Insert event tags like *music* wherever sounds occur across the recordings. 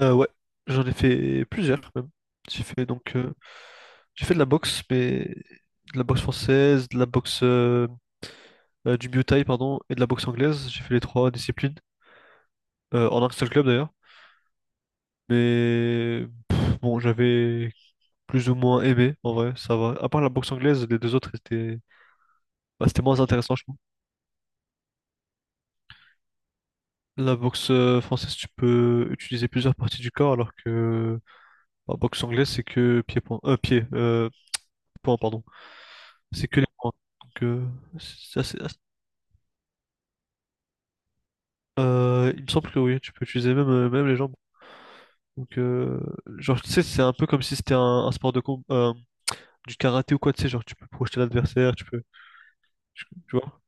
Ouais, j'en ai fait plusieurs même. J'ai fait donc euh, j'ai fait de la boxe, mais de la boxe française, de la boxe du Muay Thai, pardon, et de la boxe anglaise. J'ai fait les trois disciplines en un seul club d'ailleurs. Mais bon, j'avais plus ou moins aimé en vrai, ça va. À part la boxe anglaise, les deux autres c'était moins intéressant, je trouve. La boxe française, tu peux utiliser plusieurs parties du corps, alors que la boxe anglaise, c'est que point, pardon. C'est que les points. Donc, c'est assez- assez- il me semble que oui, tu peux utiliser même, même les jambes. Donc, genre, tu sais, c'est un peu comme si c'était un sport de combat, du karaté ou quoi, tu sais, genre, tu peux projeter l'adversaire, tu peux. Tu vois?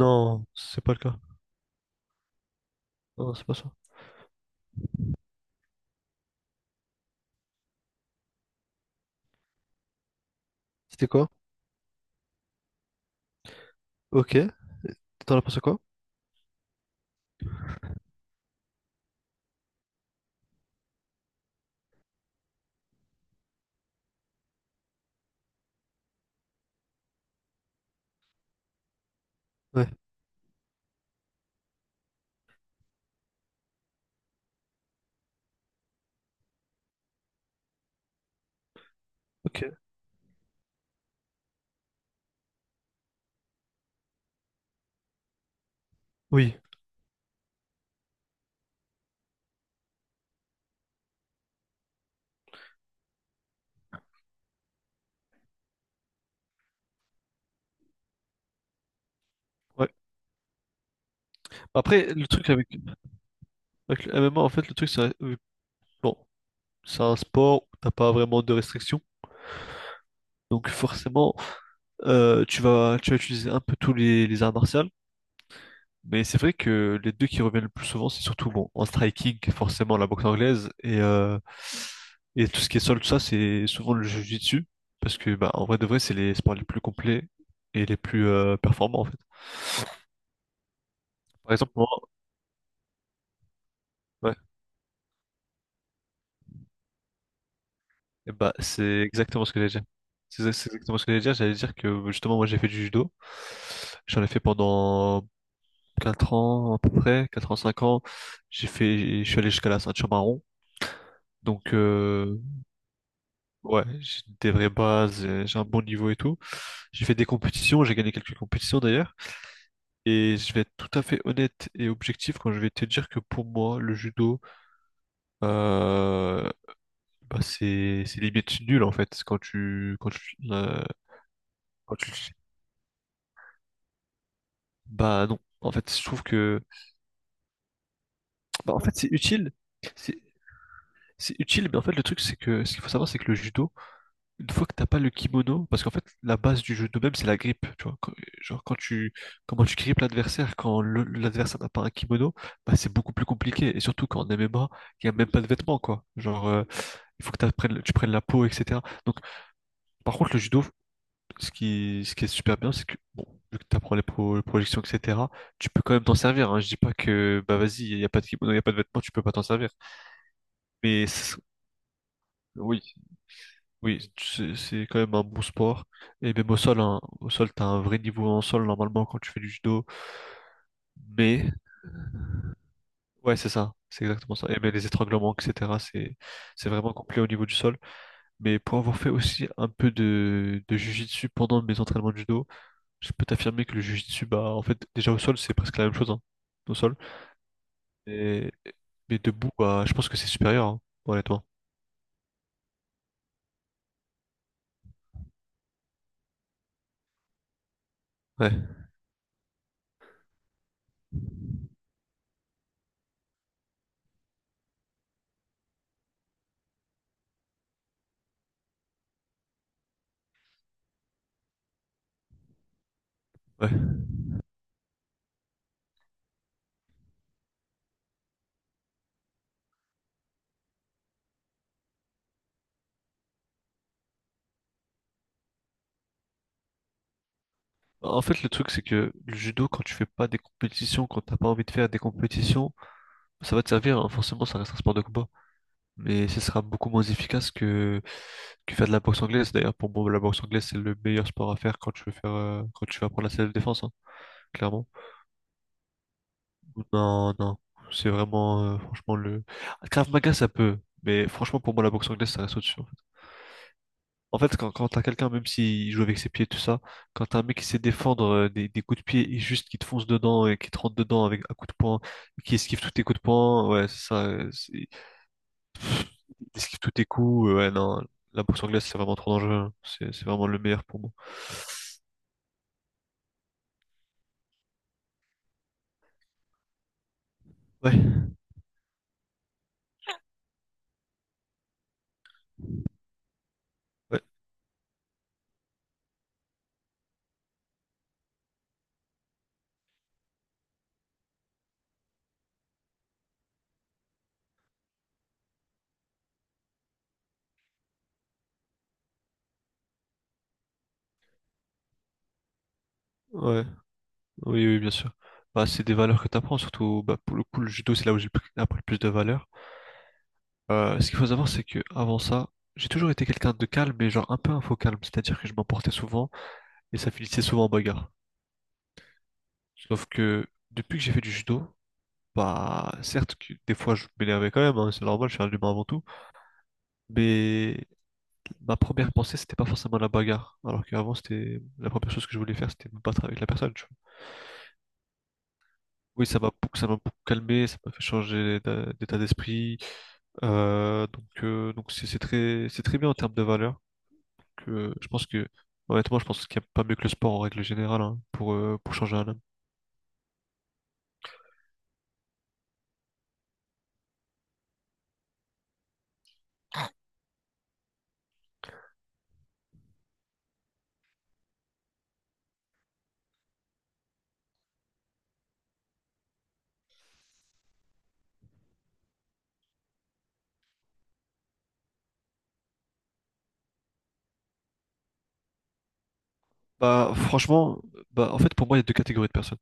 Non, c'est pas le cas. Non, c'est pas ça. C'était quoi? Ok. T'en as pensé quoi? Ouais. Ok. Oui. Ouais. Après, le truc avec le MMA, en fait, le truc, c'est. Bon, c'est un sport où t'as pas vraiment de restrictions. Donc, forcément, tu vas utiliser un peu tous les arts martiaux. Mais c'est vrai que les deux qui reviennent le plus souvent, c'est surtout bon, en striking, forcément la boxe anglaise et tout ce qui est sol, tout ça, c'est souvent le jiu-jitsu. Parce que bah, en vrai de vrai, c'est les sports les plus complets et les plus performants en fait. Par exemple, moi, ouais, et bah, c'est exactement ce que j'allais dire. C'est exactement ce que j'allais dire. J'allais dire que justement, moi j'ai fait du judo. J'en ai fait pendant 4 ans à peu près, 4 ans, 5 ans. Je suis allé jusqu'à la ceinture marron. Donc, ouais, j'ai des vraies bases, j'ai un bon niveau et tout. J'ai fait des compétitions, j'ai gagné quelques compétitions d'ailleurs. Et je vais être tout à fait honnête et objectif quand je vais te dire que pour moi, le judo, euh, bah c'est limite nul en fait quand tu- bah non. En fait, je trouve que bah en fait c'est utile, c'est c'est utile, mais en fait le truc c'est que ce qu'il faut savoir c'est que le judo une fois que t'as pas le kimono, parce qu'en fait, la base du jeu de même, c'est la grippe. Tu vois, genre, comment tu grippes l'adversaire, l'adversaire n'a pas un kimono, bah, c'est beaucoup plus compliqué. Et surtout quand en MMA, il n'y a même pas de vêtements, quoi. Genre, il faut que tu prennes la peau, etc. Donc, par contre, le judo, ce qui est super bien, c'est que, bon, vu que tu apprends les projections, etc., tu peux quand même t'en servir. Hein. Je dis pas que, bah, vas-y, il n'y a pas de kimono, il n'y a pas de vêtements, tu peux pas t'en servir. Mais oui, oui, c'est quand même un bon sport. Et même au sol, hein, au sol, t'as un vrai niveau en sol normalement quand tu fais du judo. Mais ouais, c'est ça, c'est exactement ça. Et même les étranglements, etc. C'est vraiment complet au niveau du sol. Mais pour avoir fait aussi un peu de jiu-jitsu pendant mes entraînements de judo, je peux t'affirmer que le jiu-jitsu, bah en fait, déjà au sol, c'est presque la même chose, hein, au sol. Et mais debout, bah, je pense que c'est supérieur, hein, honnêtement. Ouais, ouais. En fait, le truc, c'est que le judo, quand tu fais pas des compétitions, quand t'as pas envie de faire des compétitions, ça va te servir, hein. Forcément, ça reste un sport de combat. Mais ce sera beaucoup moins efficace que faire de la boxe anglaise. D'ailleurs, pour moi, la boxe anglaise, c'est le meilleur sport à faire quand tu veux apprendre la self-défense, hein, clairement. Non, non, c'est vraiment, franchement, Krav Maga, ça peut. Mais franchement, pour moi, la boxe anglaise, ça reste au-dessus. Hein. En fait, quand t'as quelqu'un, même s'il joue avec ses pieds, tout ça, quand t'as un mec qui sait défendre des coups de pied et juste qui te fonce dedans et qui te rentre dedans avec un coup de poing, qui esquive tous tes coups de poing, ouais, c'est ça, il esquive tous tes coups, ouais, non, la bourse anglaise, c'est vraiment trop dangereux, hein. C'est vraiment le meilleur pour moi. Ouais, ouais, ouais, oui, oui, bien sûr. Bah, c'est des valeurs que t'apprends, surtout, bah, pour le coup, le judo, c'est là où appris le plus de valeurs. Ce qu'il faut savoir, c'est que avant ça, j'ai toujours été quelqu'un de calme, mais genre un peu un faux calme, c'est-à-dire que je m'emportais souvent. Et ça finissait souvent en bagarre. Sauf que depuis que j'ai fait du judo, bah certes que des fois je m'énervais quand même, hein, c'est normal, je suis un humain avant tout, mais ma première pensée c'était pas forcément la bagarre, alors qu'avant c'était la première chose que je voulais faire c'était me battre avec la personne. Tu vois. Oui, ça m'a beaucoup calmé, ça m'a fait changer d'état d'esprit, donc c'est très bien en termes de valeur. Que je pense que Honnêtement je pense qu'il n'y a pas mieux que le sport en règle générale hein, pour changer un homme. Bah franchement bah en fait pour moi il y a deux catégories de personnes.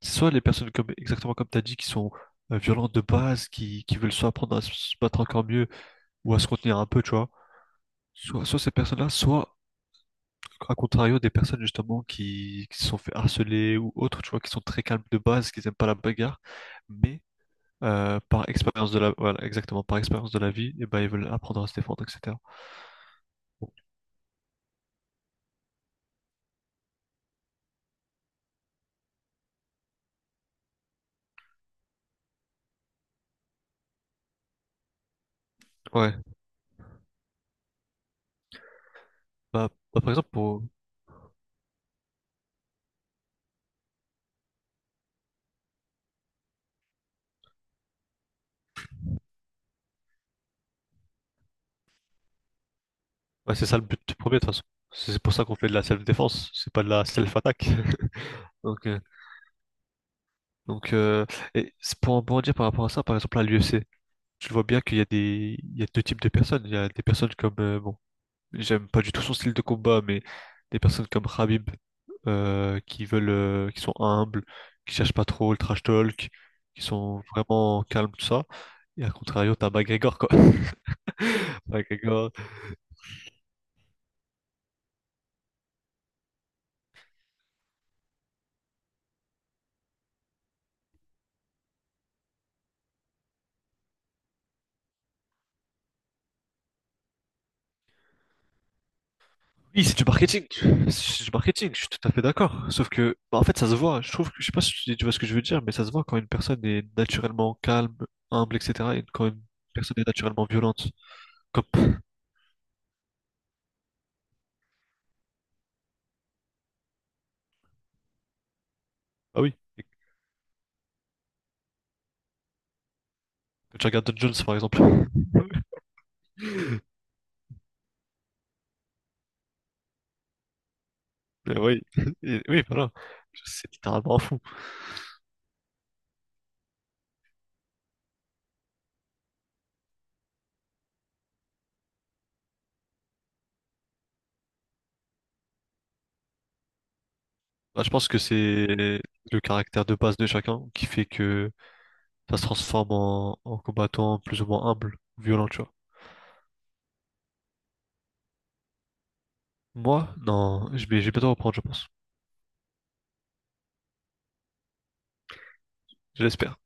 Soit les personnes comme exactement comme tu as dit qui sont violentes de base, qui veulent soit apprendre à se battre encore mieux ou à se contenir un peu, tu vois. Soit ces personnes-là, soit à contrario des personnes justement qui se sont fait harceler ou autres, tu vois, qui sont très calmes de base, qui n'aiment pas la bagarre, mais par expérience de la, voilà, exactement, par expérience de la vie, et ben ils veulent apprendre à se défendre, etc. Ouais, bah, bah, par exemple, bah, c'est ça le but premier de toute façon. C'est pour ça qu'on fait de la self-défense, c'est pas de la self-attaque. *laughs* Donc, donc euh, et c'est pour en rebondir par rapport à ça, par exemple à l'UFC. Je vois bien qu'il y a il y a deux types de personnes. Il y a des personnes comme, bon, j'aime pas du tout son style de combat, mais des personnes comme Khabib, qui sont humbles, qui cherchent pas trop le trash talk, qui sont vraiment calmes, tout ça. Et à contrario, t'as McGregor, quoi. *laughs* McGregor, oui, c'est du marketing. C'est du marketing, je suis tout à fait d'accord. Sauf que, bah, en fait, ça se voit. Je sais pas si tu vois ce que je veux dire, mais ça se voit quand une personne est naturellement calme, humble, etc. Et quand une personne est naturellement violente. Comme, ah oui, quand tu regardes Don Jones, par exemple. *laughs* Mais oui, oui, voilà. C'est littéralement fou. Bah, je pense que c'est le caractère de base de chacun qui fait que ça se transforme en combattant plus ou moins humble, violent, tu vois. Moi, non, je vais bientôt reprendre, je pense. Je l'espère.